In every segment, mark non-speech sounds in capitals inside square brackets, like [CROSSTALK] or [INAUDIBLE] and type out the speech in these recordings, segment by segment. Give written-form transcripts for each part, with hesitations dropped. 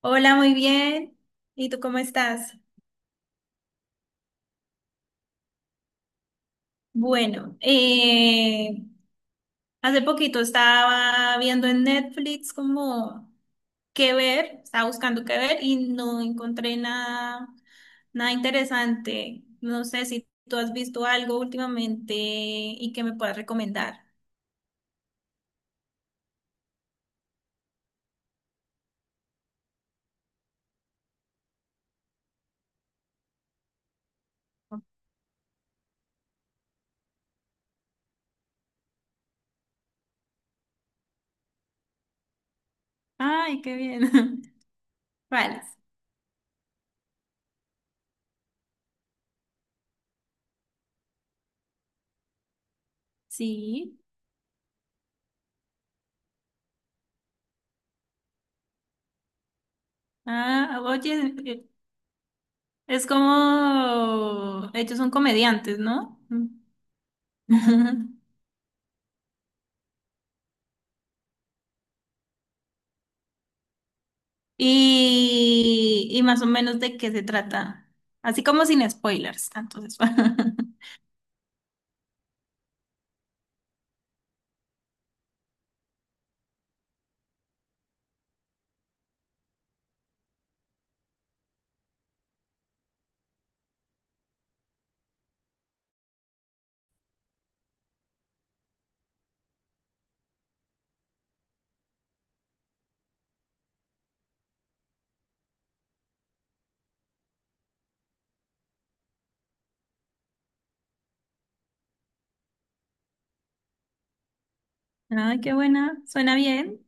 Hola, muy bien. ¿Y tú cómo estás? Bueno, eh, Hace poquito estaba viendo en Netflix como qué ver, estaba buscando qué ver y no encontré nada, nada interesante. No sé si tú has visto algo últimamente y que me puedas recomendar. Ay, qué bien. [LAUGHS] Vale. Sí. Ah, oye, es como, ellos son comediantes, ¿no? [LAUGHS] [LAUGHS] Y más o menos de qué se trata. Así como sin spoilers. Entonces, [LAUGHS] ay, qué buena. Suena bien.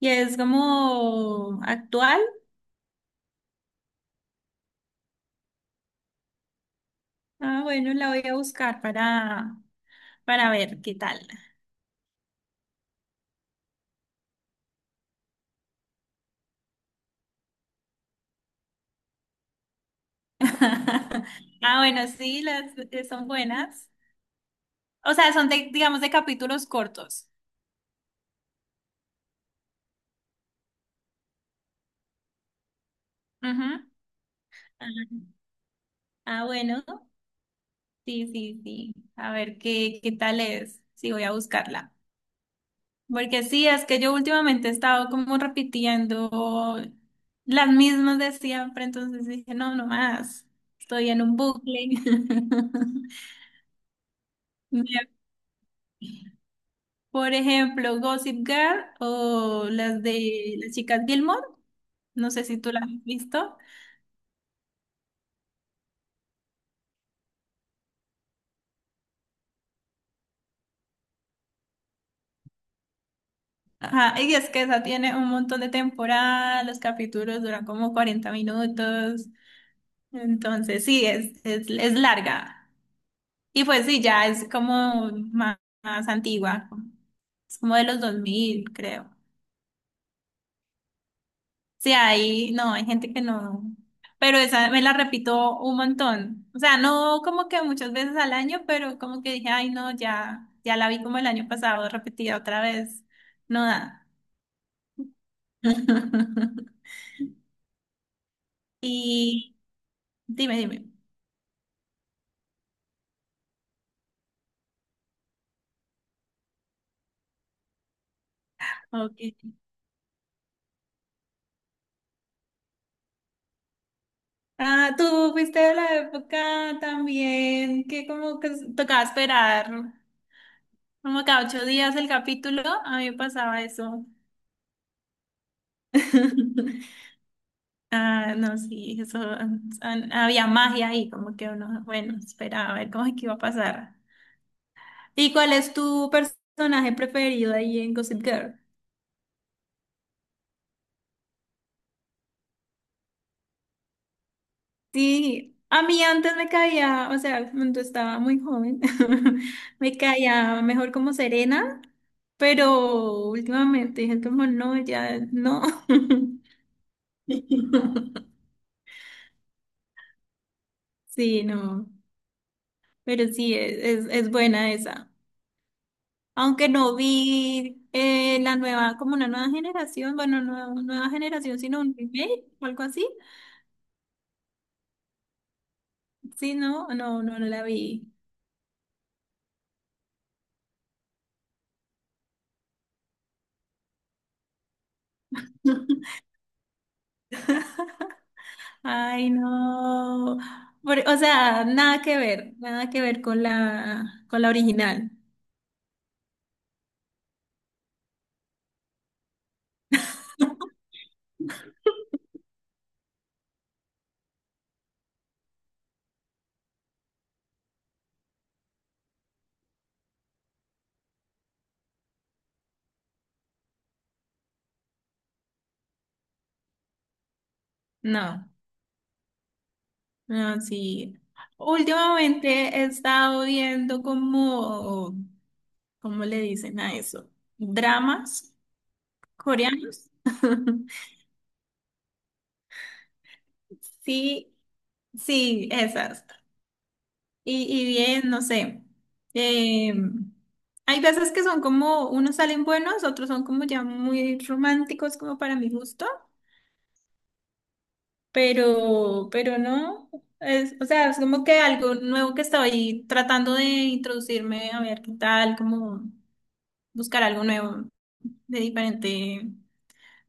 Y es como actual. Ah, bueno, la voy a buscar para ver qué tal. [LAUGHS] Ah, bueno, sí, las son buenas. O sea, son de, digamos, de capítulos cortos. Ujú. Ah, ah, bueno. Sí, sí, sí. A ver qué tal es. Sí, voy a buscarla. Porque sí, es que yo últimamente he estado como repitiendo las mismas de siempre, entonces dije, no, no más, estoy en un bucle. [LAUGHS] Mira, por ejemplo, Gossip Girl o las de las chicas Gilmore, no sé si tú las has visto. Ajá, y es que esa tiene un montón de temporadas, los capítulos duran como 40 minutos, entonces sí, es larga. Y pues sí, ya es como más antigua. Es como de los 2000 creo. Sí, ahí no, hay gente que no. Pero esa me la repito un montón. O sea, no como que muchas veces al año, pero como que dije, ay, no, ya la vi como el año pasado, repetida otra vez. No da. [LAUGHS] Y dime. Okay. Ah, tú fuiste de la época también que como que tocaba esperar como cada 8 días el capítulo. A mí me pasaba eso. [LAUGHS] Ah, no, sí, eso, había magia ahí, como que uno, bueno, esperaba a ver cómo es que iba a pasar. ¿Y cuál es tu personaje preferido ahí en Gossip Girl? Sí, a mí antes me caía, o sea, cuando estaba muy joven, [LAUGHS] me caía mejor como Serena, pero últimamente dije como no, ya no. [LAUGHS] Sí, no, pero sí, es buena esa. Aunque no vi la nueva, como una nueva generación, bueno, no nueva generación, sino un remake o algo así. Sí, no, no, no, no la vi. [LAUGHS] Ay, no. O sea, nada que ver, nada que ver con la original. No, no, sí. Últimamente he estado viendo como, ¿cómo le dicen a eso? Dramas coreanos. [LAUGHS] Sí, sí, esas. Y bien, no sé. eh, Hay veces que son como, unos salen buenos, otros son como ya muy románticos como para mi gusto, pero no. Es, o sea, es como que algo nuevo que estoy tratando de introducirme, a ver qué tal, como buscar algo nuevo de diferente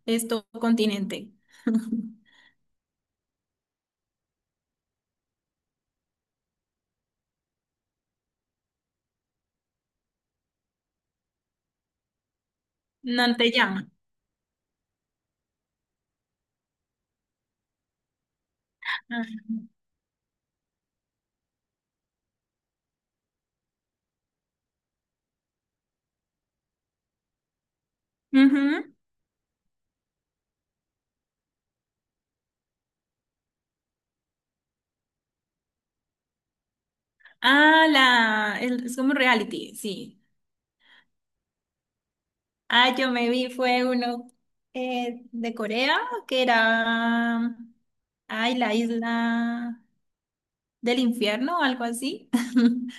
esto continente. [LAUGHS] No te llama. Ah, ujú. Ah, es como reality, sí. Ah, yo me vi, fue uno de Corea, que era, ay, la isla del infierno o algo así. [LAUGHS]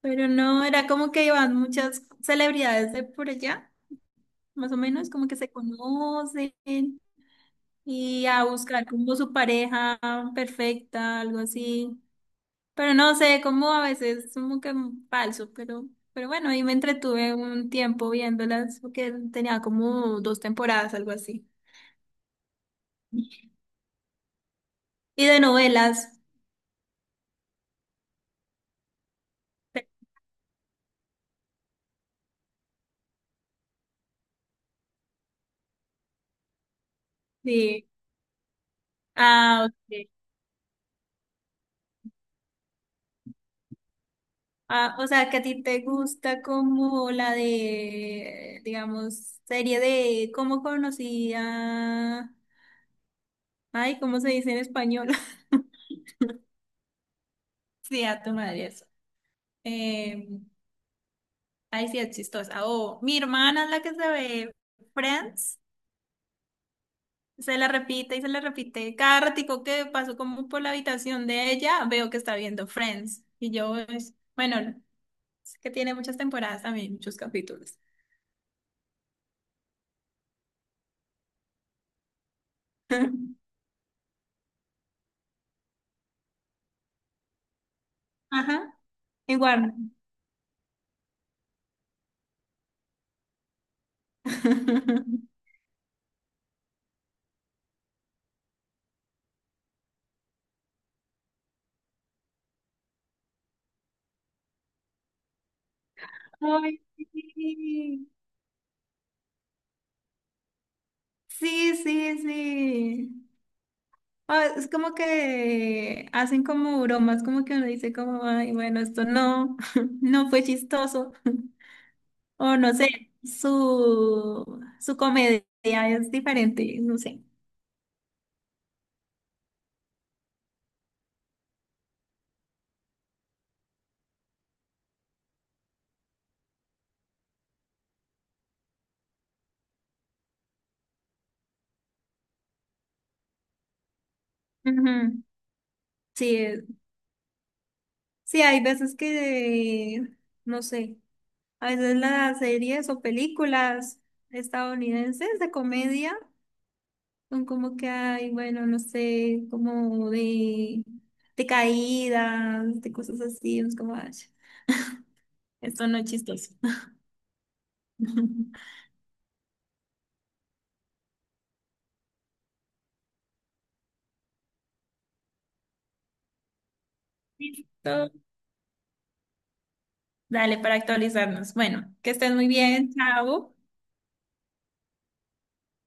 Pero no, era como que iban muchas celebridades de por allá, más o menos, como que se conocen y a buscar como su pareja perfecta, algo así. Pero no sé, como a veces como que falso, pero bueno, ahí me entretuve un tiempo viéndolas, porque tenía como dos temporadas, algo así. Y de novelas. Sí. Ah, ok. Ah, o sea, que a ti te gusta como la de, digamos, serie de cómo conocía. Ay, ¿cómo se dice en español? [LAUGHS] Sí, a tu madre eso. Eh, Ay, sí, es chistosa. O mi hermana es la que se ve Friends. Se la repite y se la repite. Cada ratico que paso como por la habitación de ella, veo que está viendo Friends. Y yo, bueno, es que tiene muchas temporadas también, muchos capítulos. [LAUGHS] Ajá, en Warner. [LAUGHS] Ay, sí, sí, sí. Sí. Ah, es como que hacen como bromas, como que uno dice como, ay, bueno, esto no, [LAUGHS] no fue chistoso. O no sé, su comedia es diferente, no sé. Ujú. Sí, es- sí, hay veces que, no sé, a veces las series o películas estadounidenses de comedia. Son como que hay, bueno, no sé, como de caídas, de cosas así. Es como, ay, esto no es chistoso. [LAUGHS] So, Dale, para actualizarnos. Bueno, que estén muy bien. Chao.